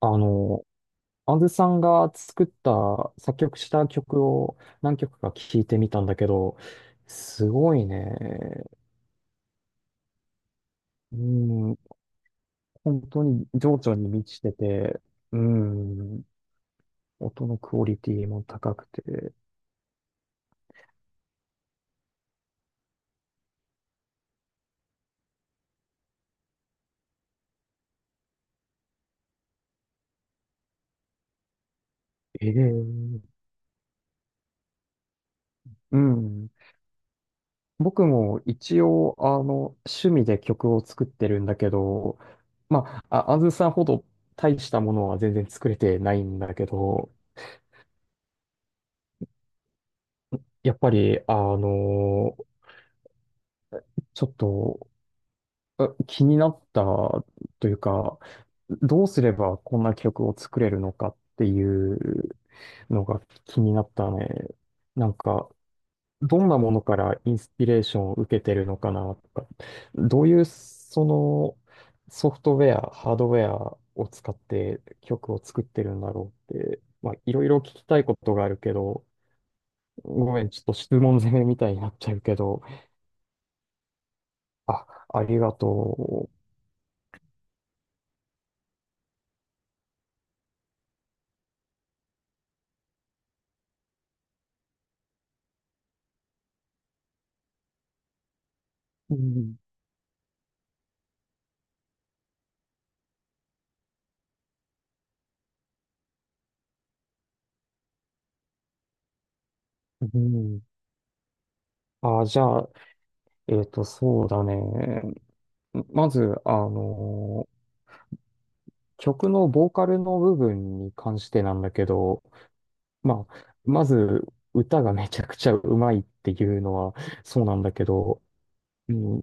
あの、あずさんが作った、作曲した曲を何曲か聴いてみたんだけど、すごいね。うん、本当に情緒に満ちてて、うん、音のクオリティも高くて、ええうん。僕も一応、趣味で曲を作ってるんだけど、まあ、あずさんほど大したものは全然作れてないんだけど、やっぱり、ちょっと気になったというか、どうすればこんな曲を作れるのかっていうのが気になったね。なんか、どんなものからインスピレーションを受けてるのかなとか、どういうそのソフトウェア、ハードウェアを使って曲を作ってるんだろうって、まあ、いろいろ聞きたいことがあるけど、ごめん、ちょっと質問攻めみたいになっちゃうけど、あ、ありがとう。うん、うんじゃあ、そうだね。まず、曲のボーカルの部分に関してなんだけど、まあ、まず、歌がめちゃくちゃうまいっていうのはそうなんだけど、うん、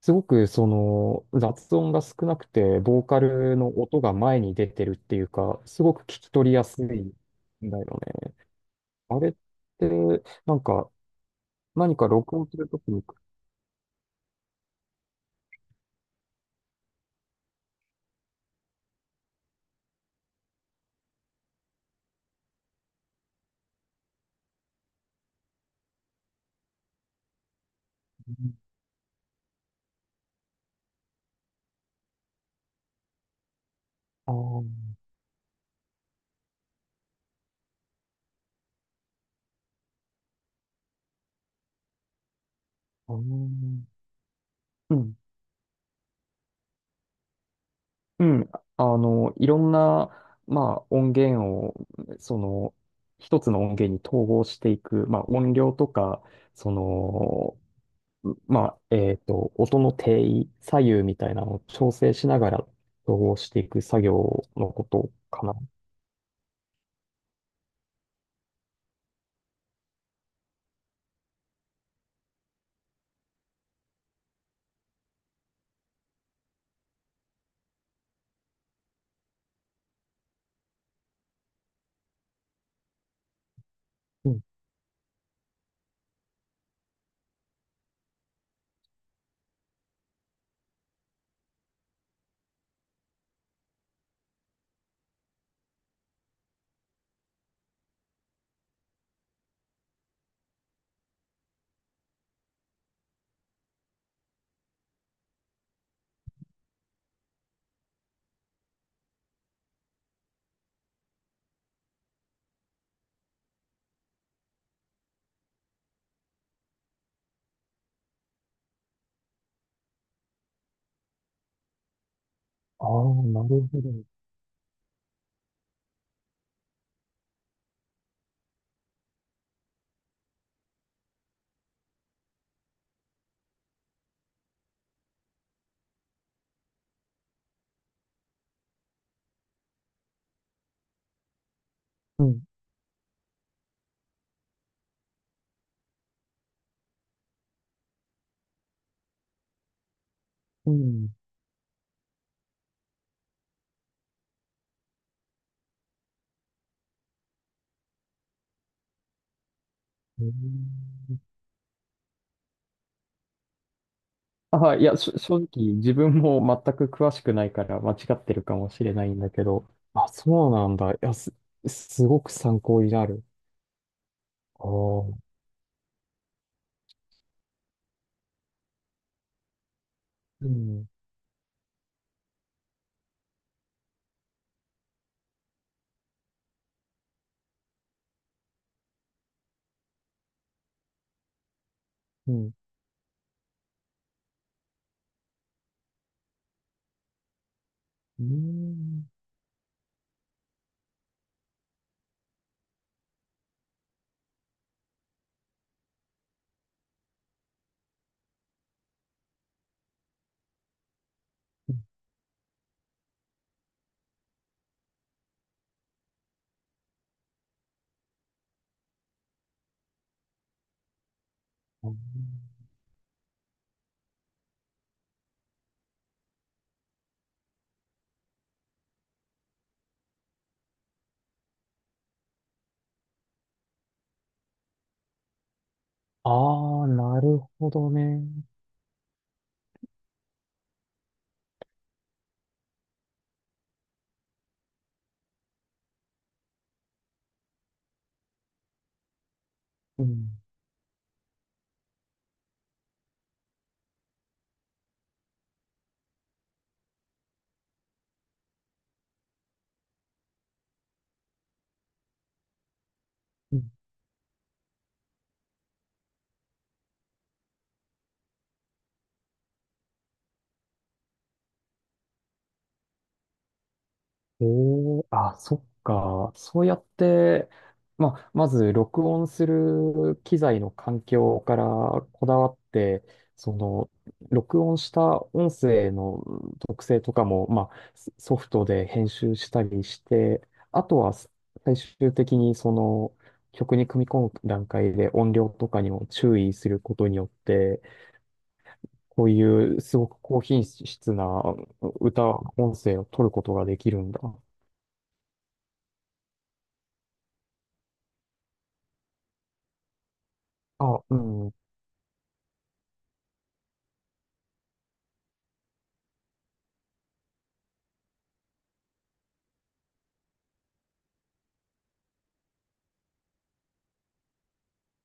すごくその雑音が少なくて、ボーカルの音が前に出てるっていうか、すごく聞き取りやすいんだよね。あれって、なんか、何か録音するときに、ああ、うんうん、いろんな、まあ、音源を、その、一つの音源に統合していく、まあ、音量とか、その、まあ、音の定位、左右みたいなのを調整しながら統合していく作業のことかな。うん。ああ、なるほど。うん。うん。へーあ、はい、いや、正直自分も全く詳しくないから間違ってるかもしれないんだけど、あ、そうなんだ。いや、すごく参考になる。ああ、うん、うん、うん。ああー、なるほどね。うん、うんええ、あ、そっか。そうやって、まあ、まず録音する機材の環境からこだわって、その、録音した音声のうん特性とかも、まあ、ソフトで編集したりして、あとは最終的にその曲に組み込む段階で音量とかにも注意することによって、こういうすごく高品質な歌、音声を取ることができるんだ。あ、うん。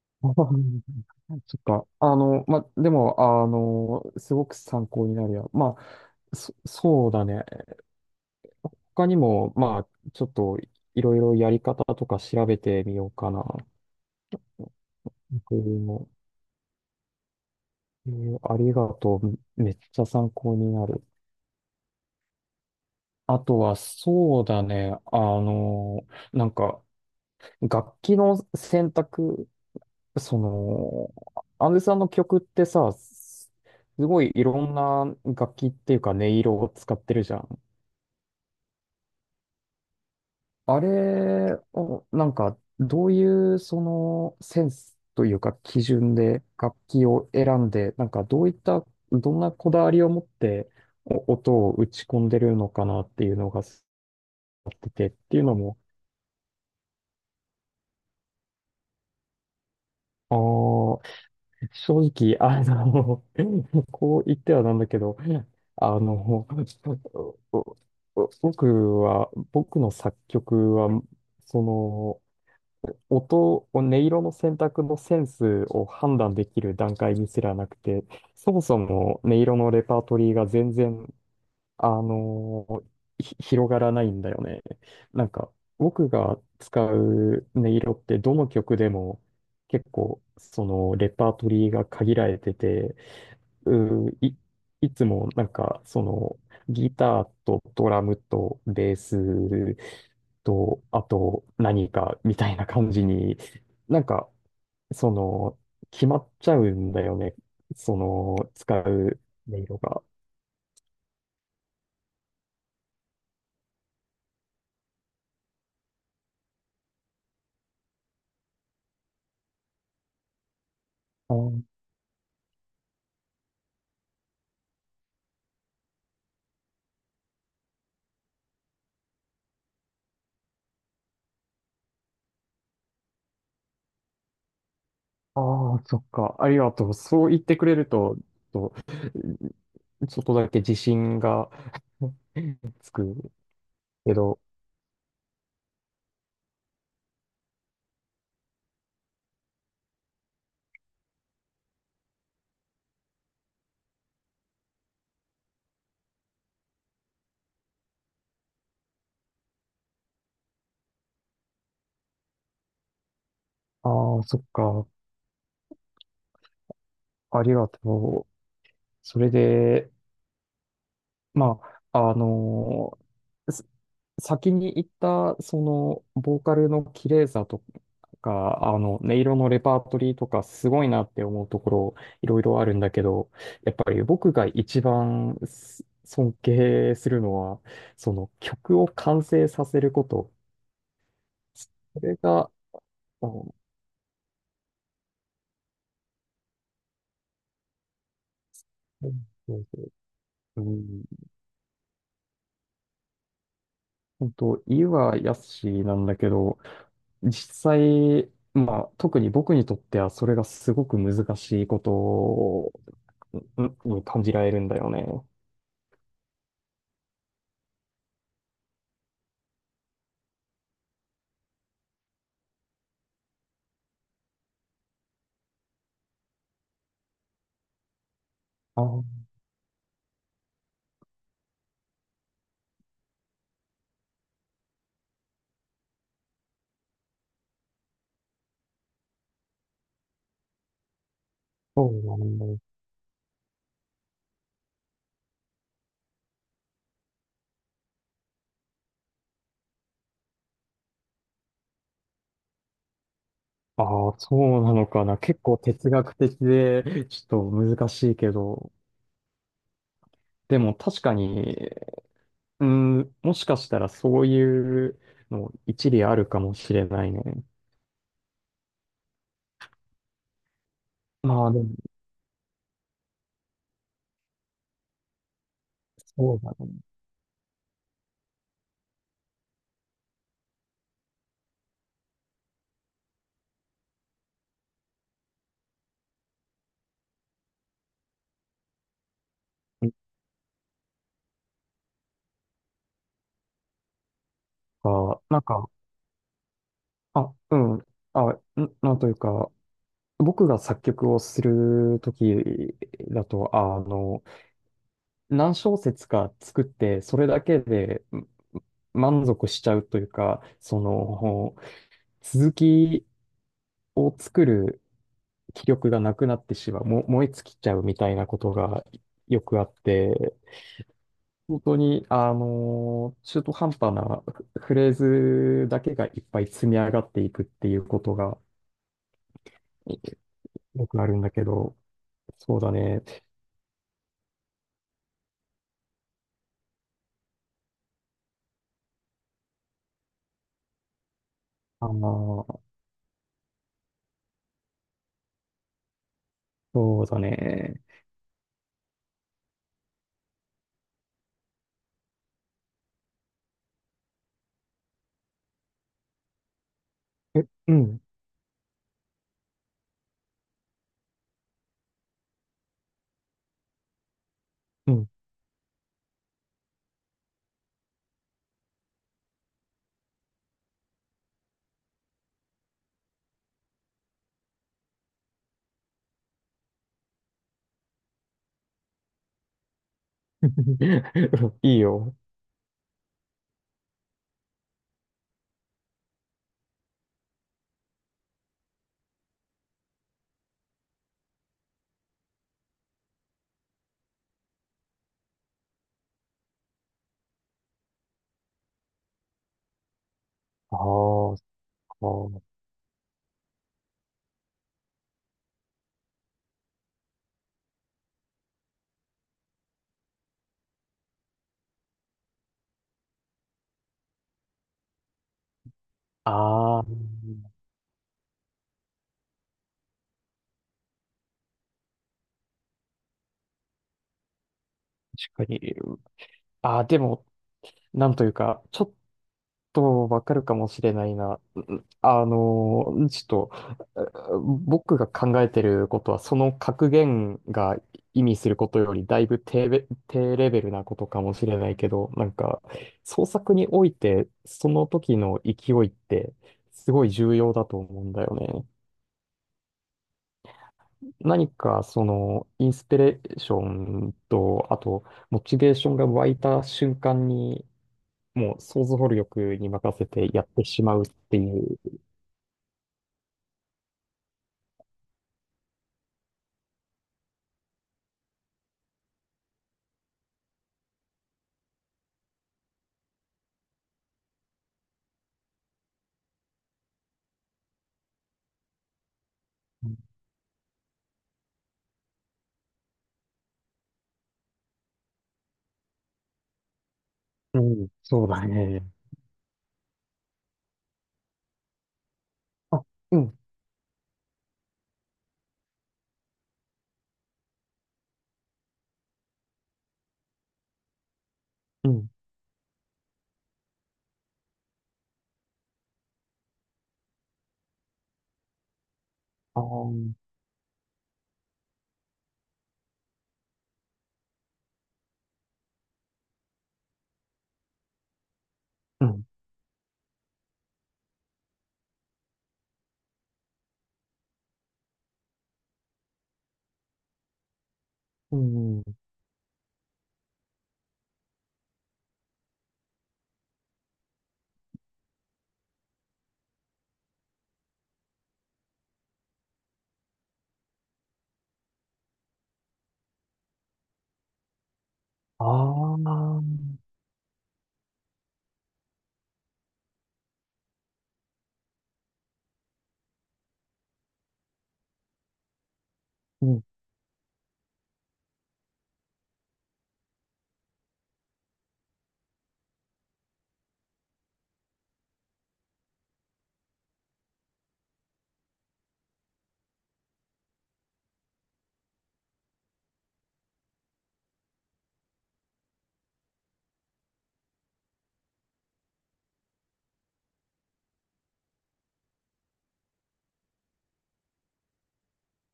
あははそっか。ま、でも、すごく参考になるや。まあ、そうだね。他にも、まあ、ちょっと、いろいろやり方とか調べてみようかな。僕も、えーありがとう。めっちゃ参考になる。あとは、そうだね。なんか、楽器の選択、その、アンデさんの曲ってさ、すごいいろんな楽器っていうか音色を使ってるじゃん。あれを、どういう、センスというか、基準で楽器を選んで、どういった、どんなこだわりを持って、音を打ち込んでるのかなっていうのが、っていうのも、あー正直、こう言ってはなんだけど、あの、お僕は、僕の作曲は、その、音色の選択のセンスを判断できる段階にすらなくて、そもそも音色のレパートリーが全然、あの広がらないんだよね。なんか、僕が使う音色ってどの曲でも結構、そのレパートリーが限られてて、うーい、いつもなんか、ギターとドラムとベースと、あと何かみたいな感じに、なんか、その、決まっちゃうんだよね。その、使う音色が。あーあー、そっか。ありがとう。そう言ってくれると、と、ちょっとだけ自信が つくけど、ああ、そっか。ありがとう。それで、まあ、す先に言った、ボーカルの綺麗さとか、音色のレパートリーとか、すごいなって思うところ、いろいろあるんだけど、やっぱり僕が一番尊敬するのは、曲を完成させること。それが、あの、うん、本当、言いは易しなんだけど、実際、まあ、特に僕にとってはそれがすごく難しいことを感じられるんだよね。ああ、そうなの。ああ、そうなのかな。結構哲学的で、ちょっと難しいけど。でも確かに、うん、もしかしたらそういうの一理あるかもしれないね。まあでも、そうだね。なんか、なんか、あ、うん。あ、なんというか、僕が作曲をするときだと、何小節か作って、それだけで満足しちゃうというか、続きを作る気力がなくなってしまう、燃え尽きちゃうみたいなことがよくあって、本当に、中途半端なフレーズだけがいっぱい積み上がっていくっていうことがよくあるんだけど、そうだね。あーそうだね。え、うん、うん。いいよ。ああ、そう。ああ、確かに。ああ、でも、なんというか、ちょっとわかるかもしれないな。うんあのー、ちょっと、うん僕が考えてることは、その格言が意味することより、だいぶ低レベルなことかもしれないけど、創作において、その時の勢いって、すごい重要だと思うんだよね。何かそのインスピレーションと、あとモチベーションが湧いた瞬間に、もう想像力に任せてやってしまうっていう。うん、そうだね。あ、うん、うん、あー、うん、うん、あー、うん、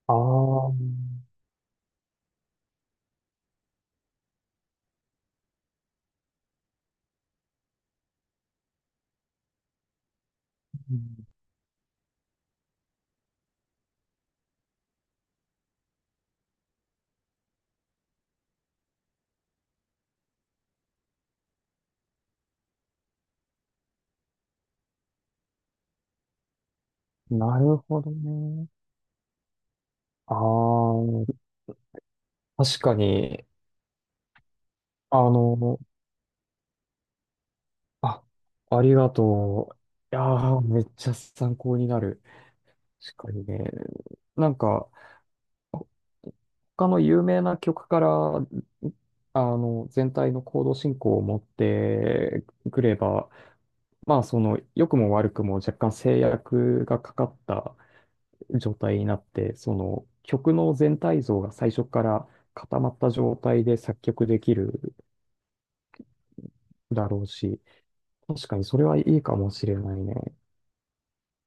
あー、うんなるほどね。あー、確かに、あの、あ、ありがとう。いやー、めっちゃ参考になる。確かにね。なんか、他の有名な曲から、全体の行動進行を持ってくれば、まあ、良くも悪くも若干制約がかかった状態になって、曲の全体像が最初から固まった状態で作曲できるだろうし、確かにそれはいいかもしれないね。